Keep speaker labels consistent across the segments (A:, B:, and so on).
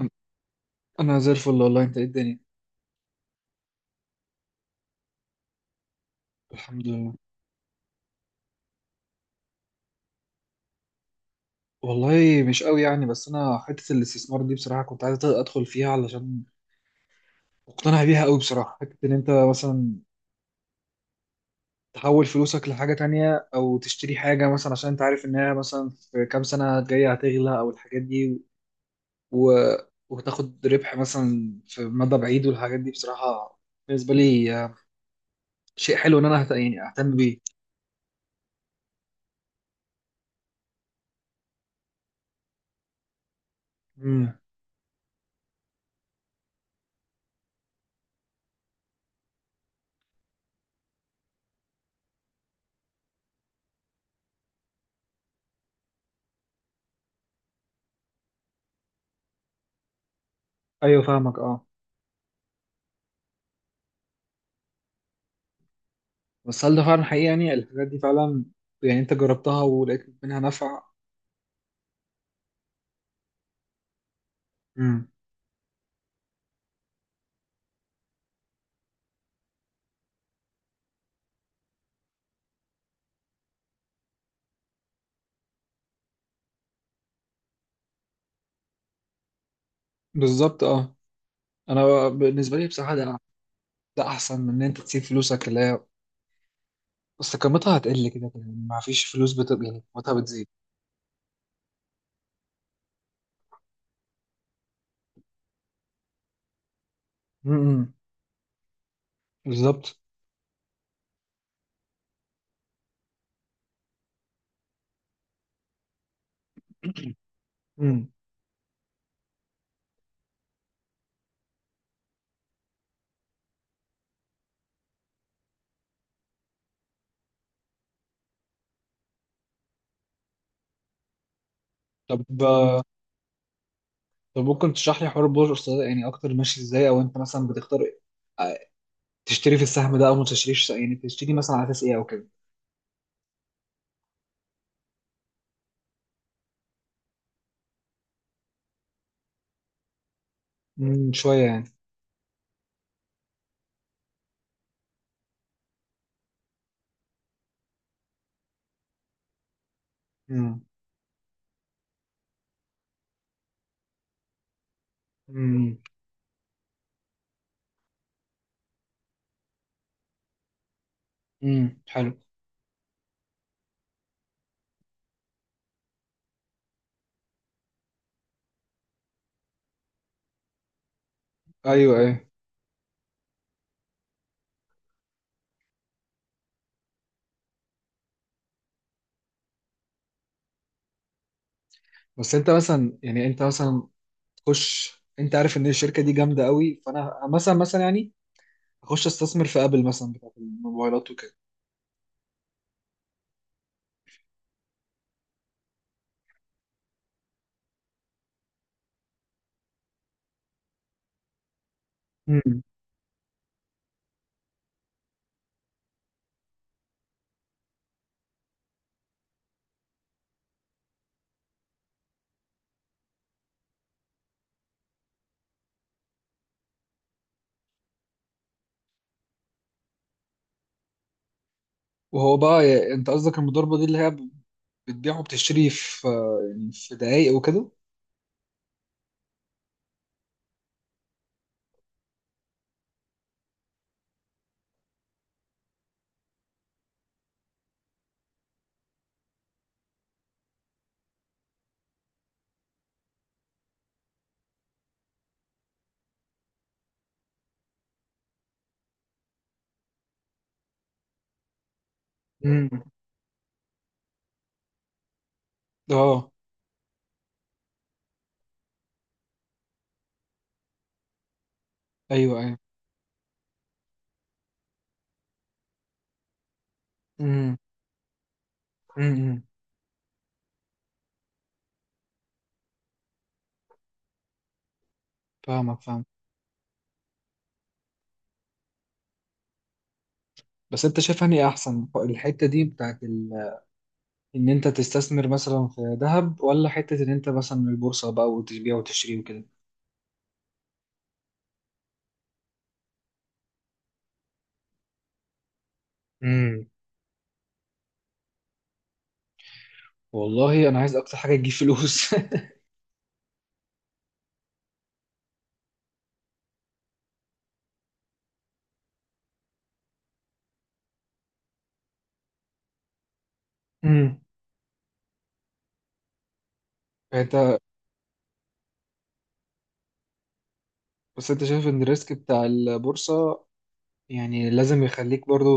A: أن- انا زي الفل والله، انت ايه الدنيا؟ الحمد لله. والله مش قوي يعني، بس انا حته الاستثمار دي بصراحه كنت عايز ادخل فيها علشان مقتنع بيها قوي بصراحه. حته ان انت مثلا تحول فلوسك لحاجه تانية او تشتري حاجه مثلا، عشان انت عارف انها مثلا في كام سنه جايه هتغلى، او الحاجات دي و... وتاخد ربح مثلا في مدى بعيد، والحاجات دي بصراحه بالنسبه لي شيء حلو ان انا يعني اهتم بيه. امم. ايوه، فاهمك. اه. بس هل ده فعلا حقيقي؟ يعني الحاجات دي فعلا، يعني انت جربتها ولقيت منها نفع؟ امم. بالظبط، اه. انا بالنسبه لي بصراحه ده احسن من ان انت تسيب فلوسك اللي هي بس قيمتها هتقل كده كده، يعني ما فيش فلوس يعني قيمتها بتزيد. امم. بالظبط. امم. طب ممكن تشرح لي حوار البورصه ده يعني اكتر، ماشي ازاي؟ او انت مثلا بتختار آه، تشتري في السهم ده او ما تشتريش، يعني تشتري مثلا على اساس ايه او كده؟ امم، شويه يعني. امم. امم. امم. حلو. ايوه، ايوه، بس انت مثلا يعني انت مثلا تخش. انت عارف ان الشركه دي جامده قوي، فانا مثلا يعني اخش استثمر في ابل مثلا بتاعت الموبايلات وكده. مم. وهو بقى انت قصدك المضاربه دي اللي هي بتبيع وبتشتري في، يعني في دقايق وكده؟ مم. اه. ايوه، ايوه. مم. مم. فاهمك، فاهم. بس انت شايف انهي احسن؟ الحته دي بتاعت ان انت تستثمر مثلا في ذهب، ولا حته ان انت مثلا من البورصه بقى وتبيع وتشتري وكده؟ والله انا عايز اكتر حاجه تجيب فلوس. امم. انت بس انت شايف ان الريسك بتاع البورصه يعني لازم يخليك برضو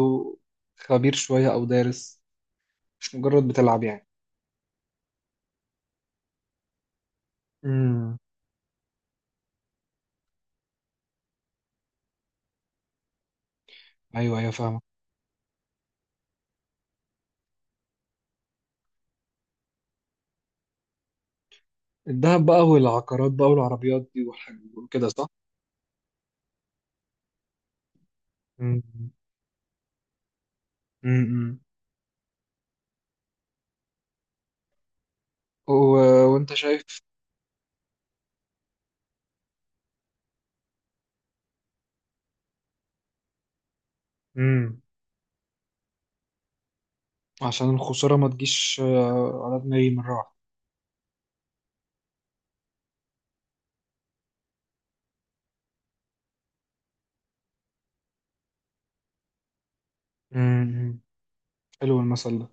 A: خبير شويه او دارس، مش مجرد بتلعب يعني؟ امم. ايوه، ايوه، فاهمك. الذهب بقى، والعقارات بقى، والعربيات دي والحاجات وكده، صح؟ امم. امم. و... وانت شايف؟ امم. عشان الخساره ما تجيش على دماغي من راحه. امم، حلو المثل ده.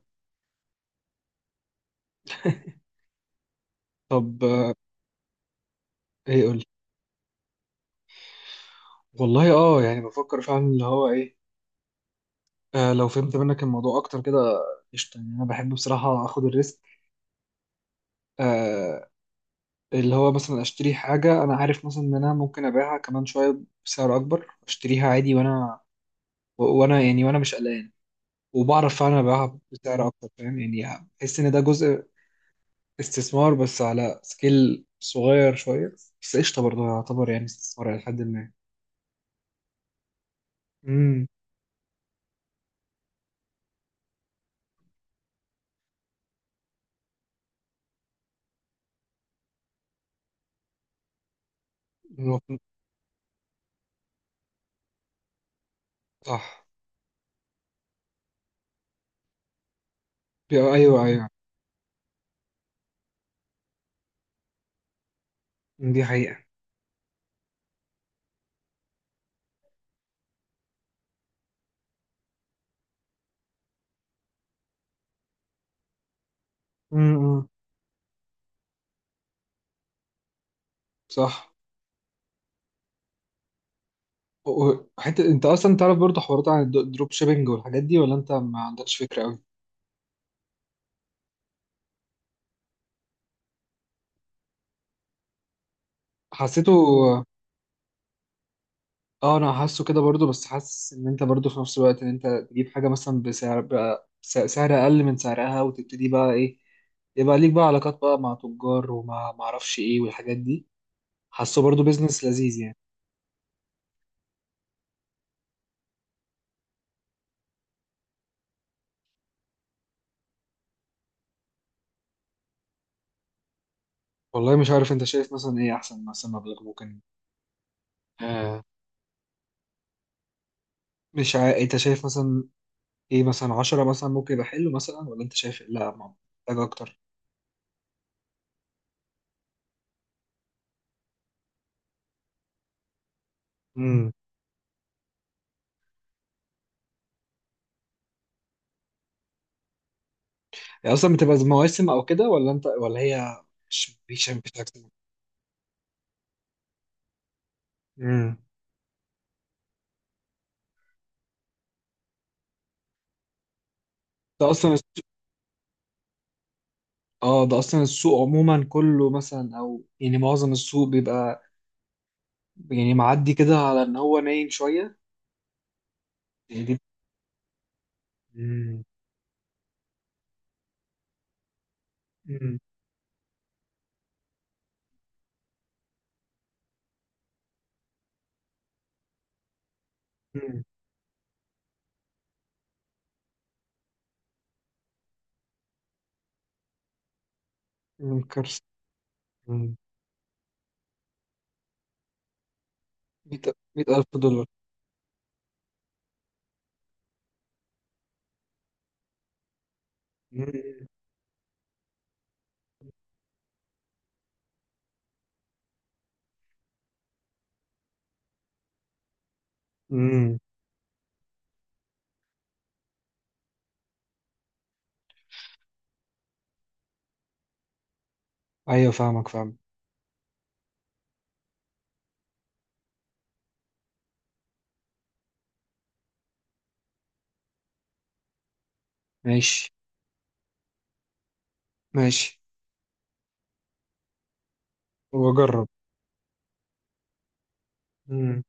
A: طب ايه قول. والله، اه، يعني بفكر فعلا اللي هو ايه. لو فهمت منك الموضوع اكتر كده، قشطه يعني. انا بحب بصراحه اخد الريسك. آه. اللي هو مثلا اشتري حاجه، انا عارف مثلا ان انا ممكن ابيعها كمان شويه بسعر اكبر، اشتريها عادي وانا يعني وانا مش قلقان، وبعرف فعلا ابيعها بسعر اكتر، فاهم؟ يعني بحس ان ده جزء استثمار، بس على سكيل صغير شويه، بس قشطه برضه يعتبر يعني استثمار الى حد ما. امم. المفروض- صح. ايوه، ايوه، دي حقيقه. امم. صح. حتى انت اصلا تعرف برضه حوارات عن الدروب شيبينج والحاجات دي، ولا انت ما عندكش فكره قوي؟ حسيته. اه، انا حاسه كده برضه، بس حاسس ان انت برضه في نفس الوقت ان انت تجيب حاجه مثلا بسعر بقى سعر اقل من سعرها، وتبتدي بقى ايه، يبقى ليك بقى علاقات بقى مع تجار ومع ما اعرفش ايه والحاجات دي. حاسه برضه بيزنس لذيذ يعني. والله مش عارف، انت شايف مثلا ايه احسن مثلا مبلغ ممكن؟ آه مش عارف انت شايف مثلا ايه؟ مثلا 10 مثلا ممكن يبقى حلو مثلا، ولا انت شايف إيه؟ لا، محتاج اكتر؟ هي اصلا بتبقى زي مواسم او كده؟ ولا انت، ولا هي. مش أكتر؟ امم. ده اصلا السوق- اه، ده اصلا السوق عموما كله مثلا، او يعني معظم السوق بيبقى يعني معدي كده على ان هو نايم شويه. يعني دي امم. امم. امم. كارثه. امم. 100,000 دولار. امم. امم. ايوه، فاهمك، فاهم. ماشي. ماشي. واجرب. امم.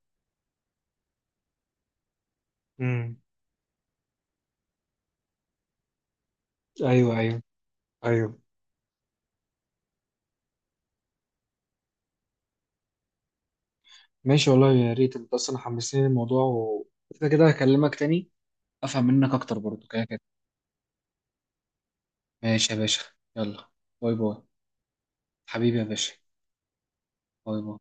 A: امم. ايوه، ايوه، ايوه. ماشي، والله يا ريت. انت اصلا حمسني الموضوع، وكده كده هكلمك تاني. افهم منك اكتر برضو كده كده. ماشي يا باشا. يلا. باي باي. حبيبي يا باشا. باي باي.